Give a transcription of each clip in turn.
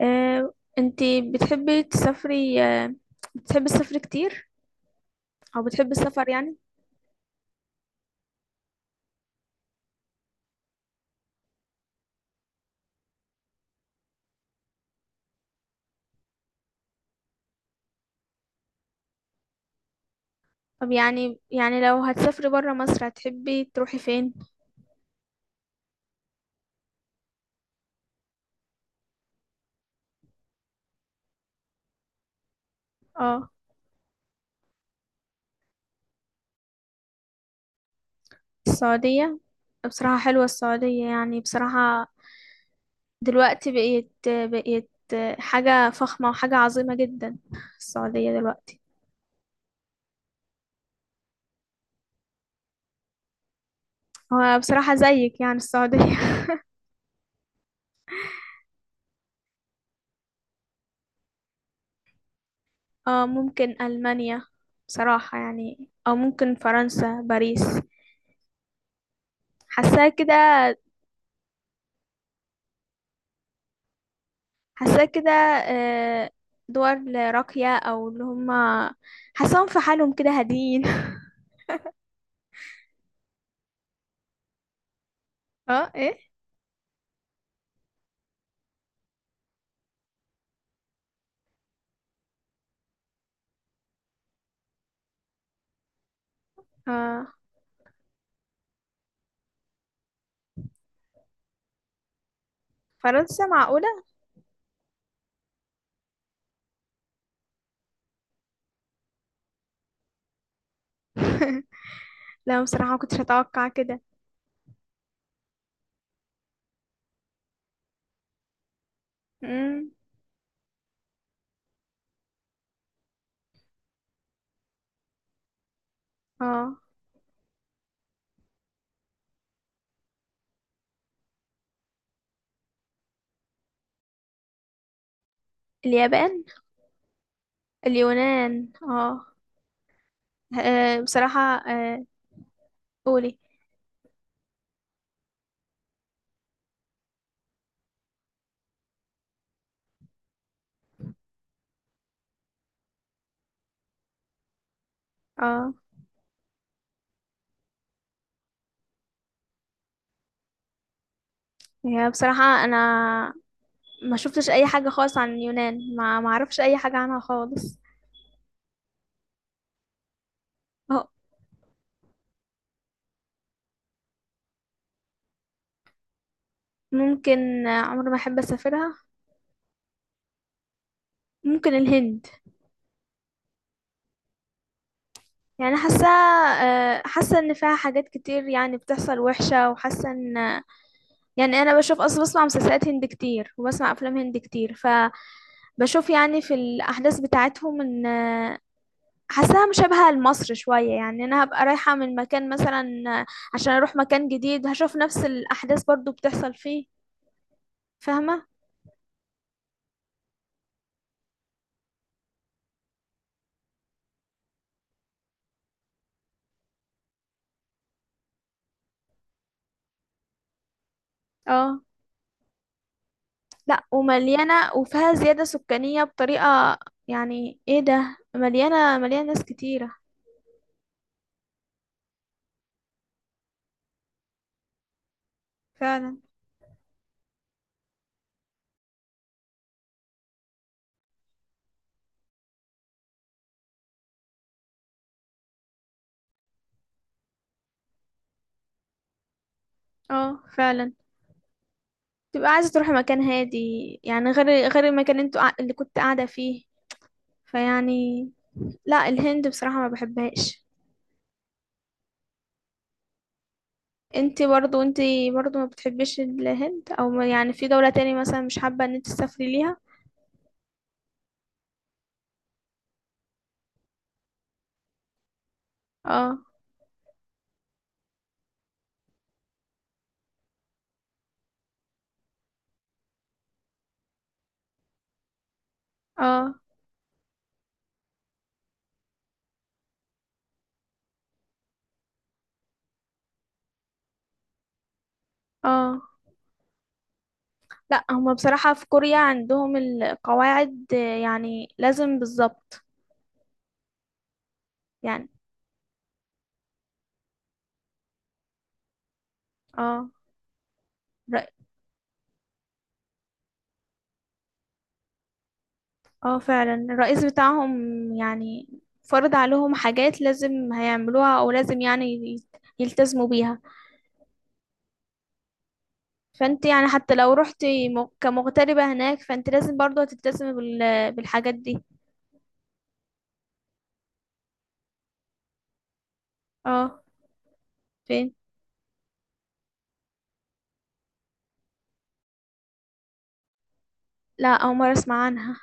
انتي بتحبي تسافري، بتحبي السفر كتير، او بتحبي السفر يعني؟ طب يعني لو هتسافري برا مصر هتحبي تروحي فين؟ اه، السعودية. بصراحة حلوة السعودية، يعني بصراحة دلوقتي بقيت حاجة فخمة وحاجة عظيمة جدا. السعودية دلوقتي. هو بصراحة زيك يعني السعودية. اه، ممكن ألمانيا، بصراحة يعني، أو ممكن فرنسا، باريس. حاساها كده. حاساها كده، دول راقية، أو اللي هما حاساهم في حالهم كده هاديين. اه، ايه. اه، فرنسا معقولة؟ لا بصراحة، ما كنتش أتوقع كده. امم اه، اليابان. اليونان، اه. بصراحة، قولي. اه، هي بصراحة أنا ما شفتش أي حاجة خالص عن اليونان، ما أعرفش أي حاجة عنها خالص. اه، ممكن، عمري ما أحب أسافرها. ممكن الهند. يعني حاسة، حاسة إن فيها حاجات كتير يعني بتحصل وحشة، وحاسة إن يعني أنا بشوف أصلا، بسمع مسلسلات هند كتير وبسمع أفلام هند كتير، ف بشوف يعني في الأحداث بتاعتهم إن حاساها مشابهة لمصر شوية، يعني أنا هبقى رايحة من مكان مثلا عشان أروح مكان جديد، هشوف نفس الأحداث برضو بتحصل فيه. فاهمة؟ اه، لأ، ومليانة وفيها زيادة سكانية بطريقة، يعني ايه ده، مليانة مليانة ناس كتيرة. فعلا. اه فعلا، تبقى عايزة تروحي مكان هادي، يعني غير المكان اللي اللي كنت قاعدة فيه، فيعني، لأ الهند بصراحة ما بحبهاش. انت برضو ما بتحبيش الهند، او ما- يعني في دولة تاني مثلا مش حابة ان انت تسافري ليها؟ اه، اه، اه. لا، هما بصراحة في كوريا عندهم القواعد، يعني لازم بالظبط، يعني اه. رأ... اه فعلا، الرئيس بتاعهم يعني فرض عليهم حاجات لازم هيعملوها، او لازم يعني يلتزموا بيها. فانت يعني حتى لو رحتي كمغتربة هناك، فانت لازم برضو هتلتزمي بالحاجات دي. اه، فهمت. لا، اول مره اسمع عنها.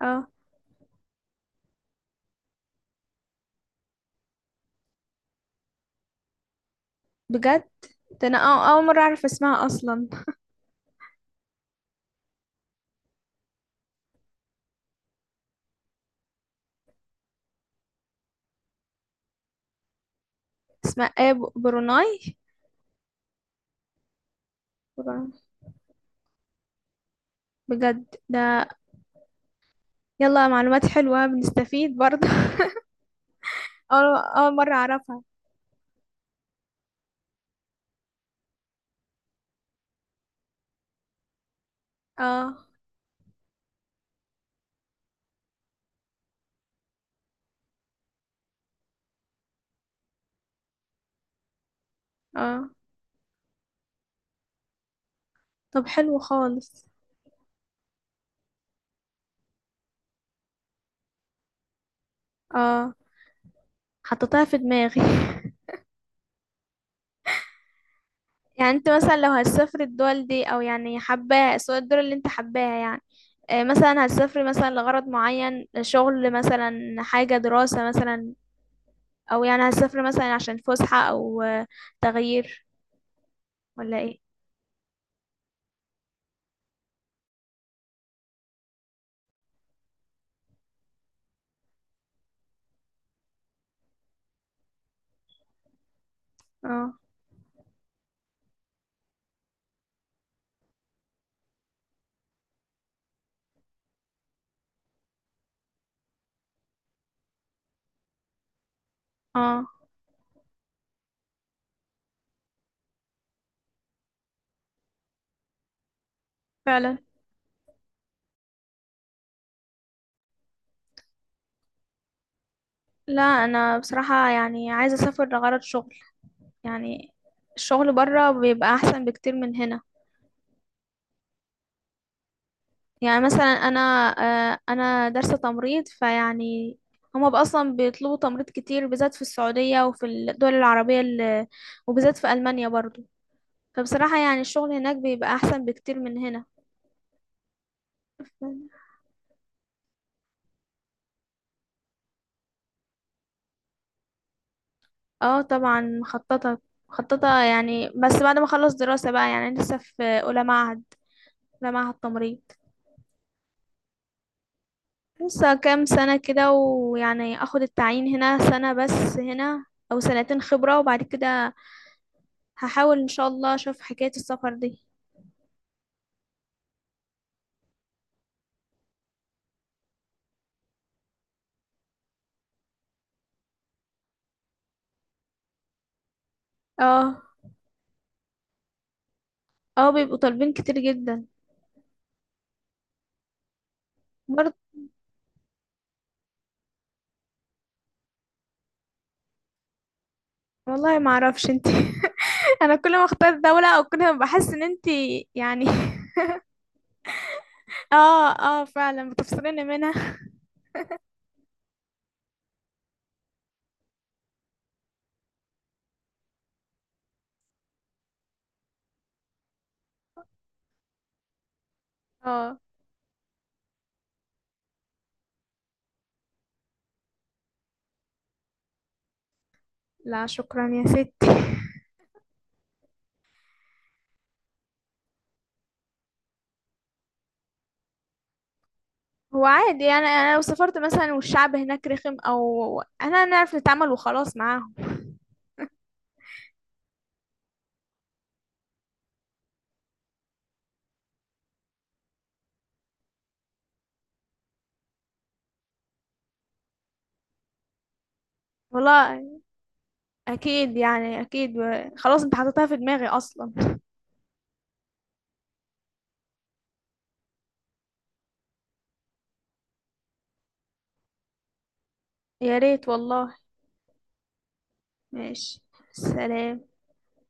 اه، بجد؟ ده انا اول مره اعرف اسمها اصلا. اسمها ايه؟ بروناي. بروناي. بجد ده. يلا، معلومات حلوه، بنستفيد برضه اول مره اعرفها. اه، اه. طب حلو خالص. اه، حطيتها في دماغي يعني انت مثلا لو هتسافر الدول دي، او يعني حباها، سواء الدول اللي انت حباها، يعني مثلا هتسافري مثلا لغرض معين، شغل مثلا، حاجة دراسة مثلا، او يعني هسافر مثلا عشان فسحة، او تغيير، ولا ايه؟ اه، اه فعلا. لا انا بصراحة يعني عايزة اسافر لغرض شغل، يعني الشغل برا بيبقى احسن بكتير من هنا. يعني مثلا انا، انا دارسة تمريض، فيعني هما بقى اصلا بيطلبوا تمريض كتير، بالذات في السعودية وفي الدول العربية، وبالذات في المانيا برضو. فبصراحة يعني الشغل هناك بيبقى احسن بكتير من هنا. اه طبعا مخططة. مخططة يعني، بس بعد ما اخلص دراسة بقى، يعني لسه في اولى معهد، اولى معهد تمريض. لسه كام سنة كده، ويعني اخد التعيين هنا سنة بس هنا، او سنتين خبرة، وبعد كده هحاول ان شاء الله اشوف حكاية السفر دي. اه. اه، بيبقوا طالبين كتير جدا. برضه والله ما اعرفش انت انا كل ما اختار دولة، او كل ما بحس ان انت، يعني. اه، اه فعلا بتفصليني منها. اه، لا شكرا يا ستي. هو عادي، يعني انا لو سافرت مثلا والشعب هناك رخم، او انا نعرف نتعامل وخلاص معاهم. والله، اكيد يعني اكيد، خلاص انت حطيتها في دماغي اصلا. يا ريت والله. ماشي. سلام.